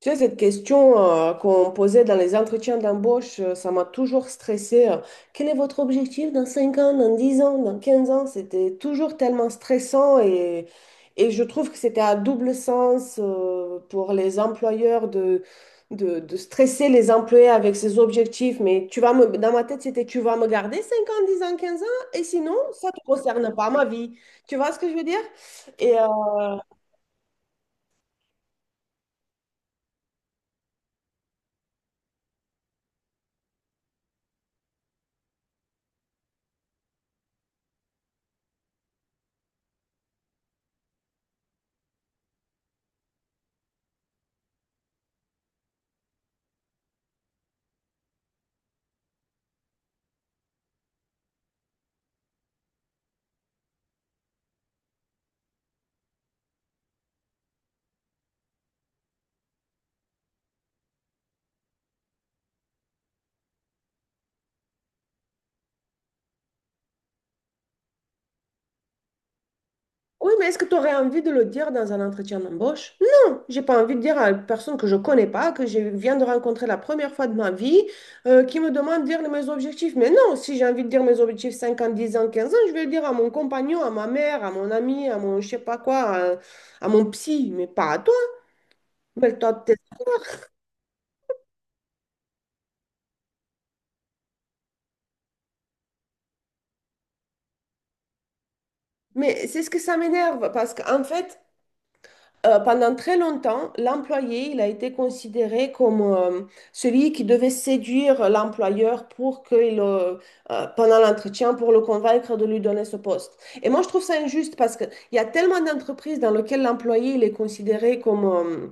Tu sais, cette question qu'on posait dans les entretiens d'embauche, ça m'a toujours stressée. Quel est votre objectif dans 5 ans, dans 10 ans, dans 15 ans? C'était toujours tellement stressant et je trouve que c'était à double sens pour les employeurs de stresser les employés avec ces objectifs. Mais dans ma tête, c'était tu vas me garder 5 ans, 10 ans, 15 ans et sinon, ça ne te concerne pas ma vie. Tu vois ce que je veux dire? Et, euh, Oui, mais est-ce que tu aurais envie de le dire dans un entretien d'embauche? Non, j'ai pas envie de dire à une personne que je connais pas, que je viens de rencontrer la première fois de ma vie, qui me demande de dire mes objectifs. Mais non, si j'ai envie de dire mes objectifs 5 ans, 10 ans, 15 ans, je vais le dire à mon compagnon, à ma mère, à mon ami, à mon je sais pas quoi, à mon psy, mais pas à toi. Rappelle-toi de. Mais c'est ce que ça m'énerve, parce qu'en fait, pendant très longtemps, l'employé, il a été considéré comme celui qui devait séduire l'employeur pour qu'il, pendant l'entretien, pour le convaincre de lui donner ce poste. Et moi, je trouve ça injuste parce qu'il y a tellement d'entreprises dans lesquelles l'employé, il est considéré comme, euh,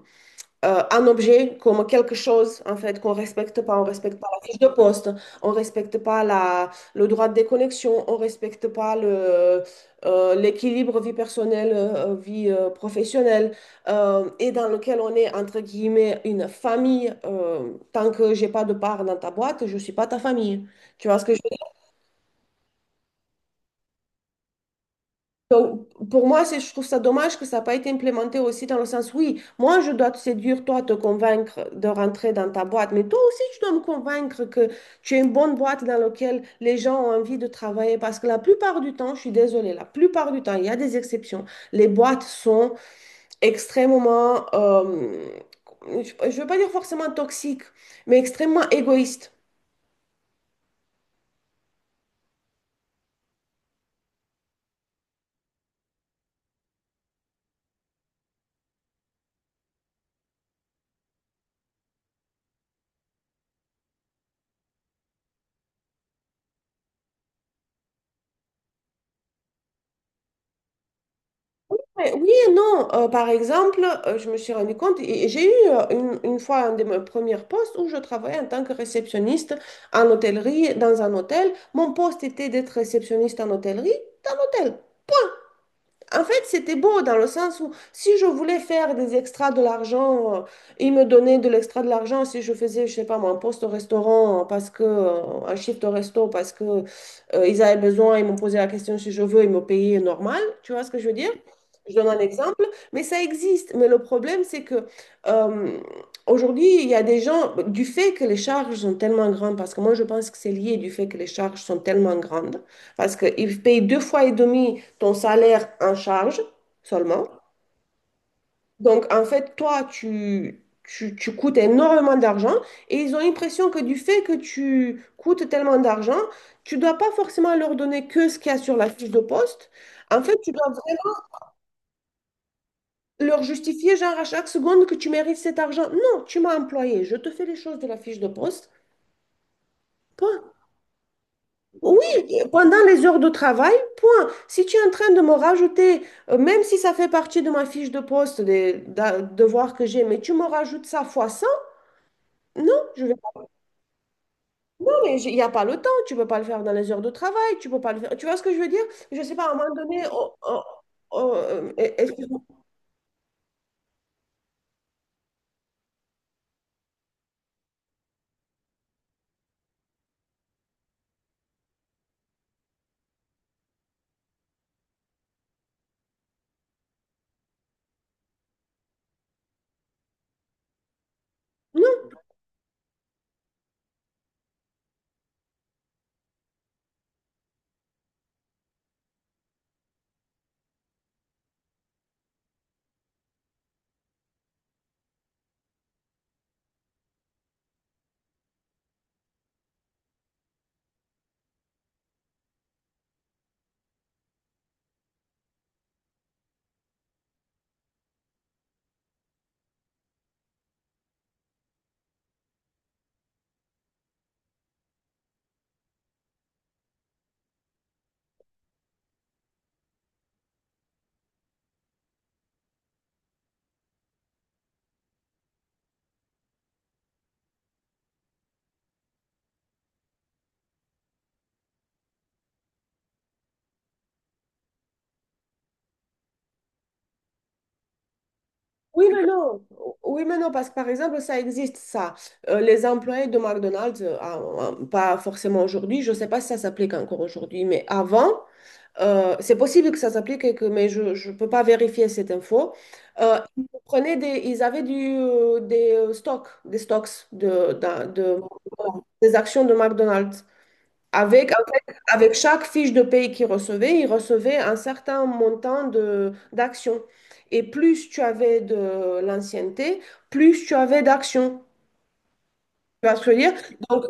euh, un objet comme quelque chose, en fait, qu'on respecte pas. On respecte pas la fiche de poste, on respecte pas le droit de déconnexion, on respecte pas l'équilibre vie personnelle, vie professionnelle, et dans lequel on est, entre guillemets, une famille. Tant que j'ai pas de part dans ta boîte, je suis pas ta famille. Tu vois ce que je. Donc, pour moi, je trouve ça dommage que ça n'a pas été implémenté aussi dans le sens, oui, moi, je dois te séduire, toi, te convaincre de rentrer dans ta boîte, mais toi aussi, tu dois me convaincre que tu es une bonne boîte dans laquelle les gens ont envie de travailler. Parce que la plupart du temps, je suis désolée, la plupart du temps, il y a des exceptions. Les boîtes sont extrêmement, je ne veux pas dire forcément toxiques, mais extrêmement égoïstes. Ouais, oui et non. Par exemple, je me suis rendu compte, et j'ai eu une fois un de mes premiers postes où je travaillais en tant que réceptionniste en hôtellerie, dans un hôtel. Mon poste était d'être réceptionniste en hôtellerie, dans l'hôtel. En fait, c'était beau dans le sens où si je voulais faire des extras de l'argent, ils me donnaient de l'extra de l'argent si je faisais, je sais pas moi, un poste au restaurant parce que un shift au resto parce que ils avaient besoin, ils m'ont posé la question si je veux, ils me payaient normal, tu vois ce que je veux dire? Je donne un exemple, mais ça existe. Mais le problème, c'est que euh, aujourd'hui, il y a des gens, du fait que les charges sont tellement grandes, parce que moi, je pense que c'est lié du fait que les charges sont tellement grandes. Parce qu'ils payent deux fois et demi ton salaire en charge seulement. Donc, en fait, toi, tu coûtes énormément d'argent et ils ont l'impression que du fait que tu coûtes tellement d'argent, tu dois pas forcément leur donner que ce qu'il y a sur la fiche de poste. En fait, tu dois vraiment leur justifier, genre, à chaque seconde que tu mérites cet argent. Non, tu m'as employé, je te fais les choses de la fiche de poste. Point. Oui, pendant les heures de travail, point. Si tu es en train de me rajouter, même si ça fait partie de ma fiche de poste, des devoirs que j'ai, mais tu me rajoutes ça fois 100, non, je vais pas. Non, mais il n'y a pas le temps, tu peux pas le faire dans les heures de travail, tu peux pas le faire. Tu vois ce que je veux dire? Je sais pas, à un moment donné, oh, oh, oh, excuse-moi. Oui, mais non. Oui, mais non, parce que par exemple, ça existe, ça. Les employés de McDonald's, ah, ah, pas forcément aujourd'hui, je ne sais pas si ça s'applique encore aujourd'hui, mais avant, c'est possible que ça s'applique, mais je ne peux pas vérifier cette info. Ils prenaient ils avaient du, des stocks, des stocks des actions de McDonald's. Avec, en fait, avec chaque fiche de paye qu'il recevait, il recevait un certain montant de d'actions. Et plus tu avais de l'ancienneté, plus tu avais d'actions. Tu vois ce que je veux dire? Donc,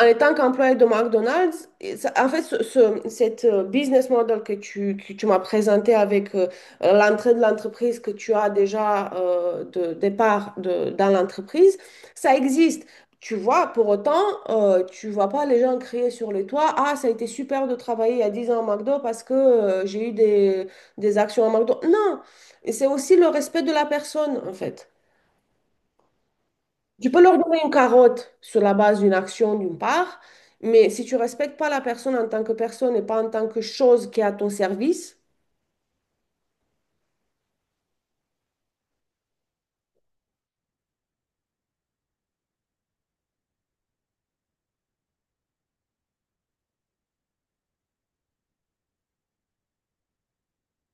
en tant qu'employé de McDonald's, en fait, cette business model que tu m'as présenté avec l'entrée de l'entreprise que tu as déjà de départ dans l'entreprise, ça existe. Tu vois, pour autant, tu vois pas les gens crier sur les toits, ah, ça a été super de travailler il y a 10 ans à McDo parce que j'ai eu des actions à McDo. Non. Et c'est aussi le respect de la personne, en fait. Tu peux leur donner une carotte sur la base d'une action d'une part, mais si tu respectes pas la personne en tant que personne et pas en tant que chose qui est à ton service,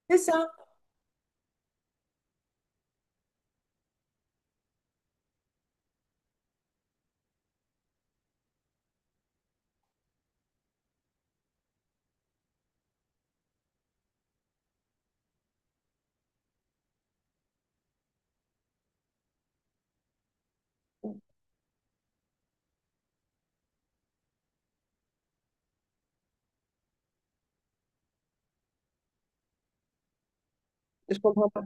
c'est ça. Je comprends pas.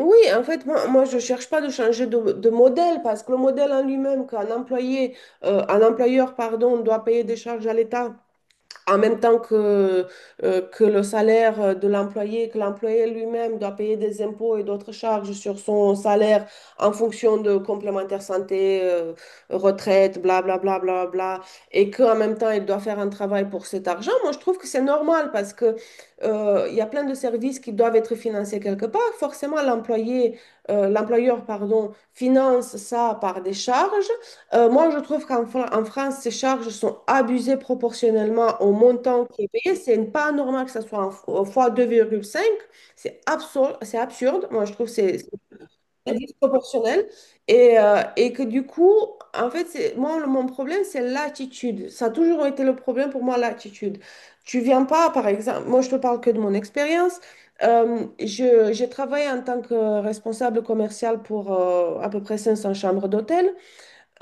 Oui, en fait, moi, moi je ne cherche pas de changer de modèle parce que le modèle en lui-même, qu'un employé, un employeur, pardon, doit payer des charges à l'État en même temps que le salaire de l'employé, que l'employé lui-même doit payer des impôts et d'autres charges sur son salaire en fonction de complémentaire santé, retraite, bla bla bla bla bla, et qu'en même temps il doit faire un travail pour cet argent, moi je trouve que c'est normal parce que il y a plein de services qui doivent être financés quelque part. Forcément, l'employé, l'employeur, pardon, finance ça par des charges. Moi, je trouve qu'en en France, ces charges sont abusées proportionnellement au montant qui est payé. C'est pas normal que ça soit en fois 2,5. C'est absurde, c'est absurde. Moi, je trouve que c'est très disproportionnel. Et que du coup, en fait, c'est, moi, mon problème, c'est l'attitude. Ça a toujours été le problème pour moi, l'attitude. Tu viens pas, par exemple, moi, je te parle que de mon expérience. J'ai travaillé en tant que responsable commercial pour à peu près 500 chambres d'hôtel.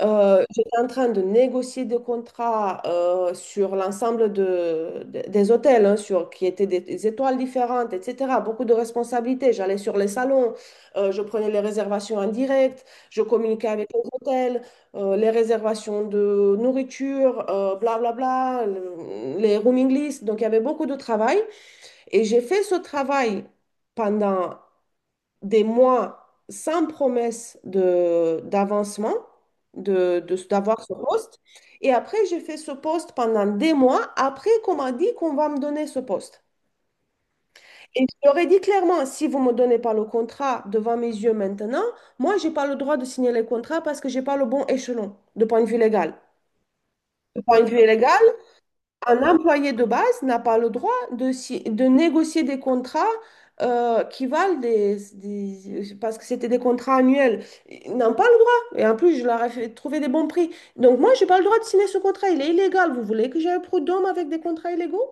J'étais en train de négocier des contrats sur l'ensemble des hôtels, hein, qui étaient des étoiles différentes, etc. Beaucoup de responsabilités. J'allais sur les salons, je prenais les réservations en direct, je communiquais avec les hôtels, les réservations de nourriture, bla bla bla, les rooming lists. Donc, il y avait beaucoup de travail. Et j'ai fait ce travail pendant des mois sans promesse d'avancement, d'avoir ce poste. Et après, j'ai fait ce poste pendant des mois, après qu'on m'a dit qu'on va me donner ce poste. Et je leur ai dit clairement, si vous ne me donnez pas le contrat devant mes yeux maintenant, moi, je n'ai pas le droit de signer les contrats parce que je n'ai pas le bon échelon de point de vue légal. De point de vue légal, un employé de base n'a pas le droit de, si- de négocier des contrats qui valent des. Parce que c'était des contrats annuels. Ils n'ont pas le droit. Et en plus, je leur ai fait trouver des bons prix. Donc moi, j'ai pas le droit de signer ce contrat. Il est illégal. Vous voulez que j'aille au prud'homme avec des contrats illégaux?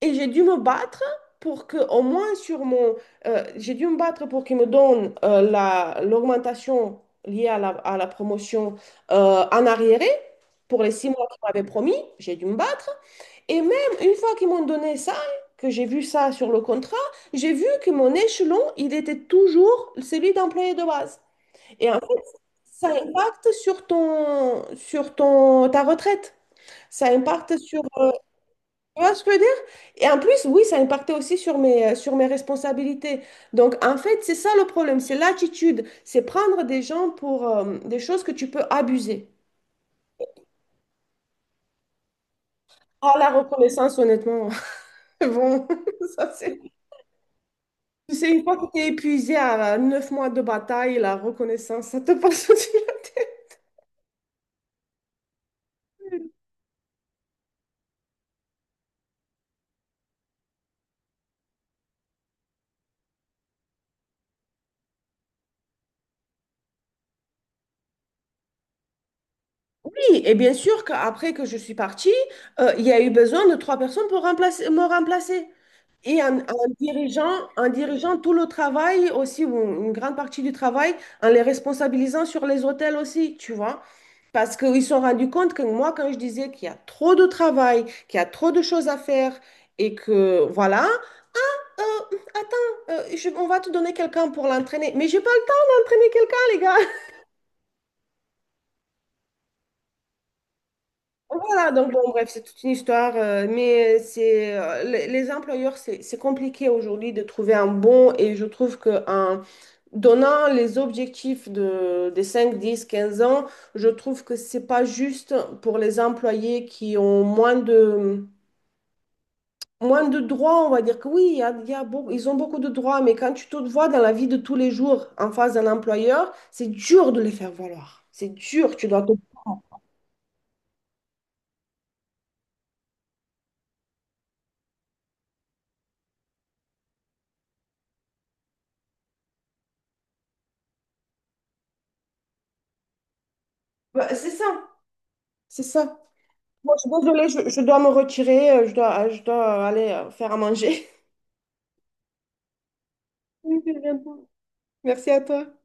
Et j'ai dû me battre pour que, au moins sur mon. J'ai dû me battre pour qu'ils me donnent l'augmentation liée à la promotion en arriéré pour les 6 mois qu'ils m'avaient promis. J'ai dû me battre. Et même une fois qu'ils m'ont donné ça, que j'ai vu ça sur le contrat, j'ai vu que mon échelon, il était toujours celui d'employé de base. Et en fait, ça impacte sur ton, ta retraite. Ça impacte sur. Tu vois ce que je veux dire? Et en plus, oui, ça impactait aussi sur mes responsabilités. Donc, en fait, c'est ça le problème, c'est l'attitude. C'est prendre des gens pour des choses que tu peux abuser. Ah, la reconnaissance, honnêtement, bon, ça c'est. Tu sais, une fois que tu es épuisé à 9 mois de bataille, la reconnaissance, ça te passe au-dessus de la tête. Oui, et bien sûr qu'après que je suis partie, il y a eu besoin de trois personnes pour me remplacer. Et en dirigeant tout le travail aussi, ou une grande partie du travail, en les responsabilisant sur les hôtels aussi, tu vois. Parce qu'ils se sont rendus compte que moi, quand je disais qu'il y a trop de travail, qu'il y a trop de choses à faire, et que voilà, Euh, attends, on va te donner quelqu'un pour l'entraîner. Mais j'ai pas le temps d'entraîner quelqu'un, les gars. Voilà, donc bon, bref, c'est toute une histoire. Mais c'est les employeurs, c'est compliqué aujourd'hui de trouver un bon. Et je trouve que en donnant les objectifs des 5, 10, 15 ans, je trouve que c'est pas juste pour les employés qui ont moins de droits, on va dire que oui, il y a beau- ils ont beaucoup de droits, mais quand tu te vois dans la vie de tous les jours en face d'un employeur, c'est dur de les faire valoir. C'est dur, tu dois te. Bah, c'est ça, c'est ça. Moi, je suis désolée, je dois me retirer, je dois aller faire à manger. Oui, c'est bientôt. Merci à toi.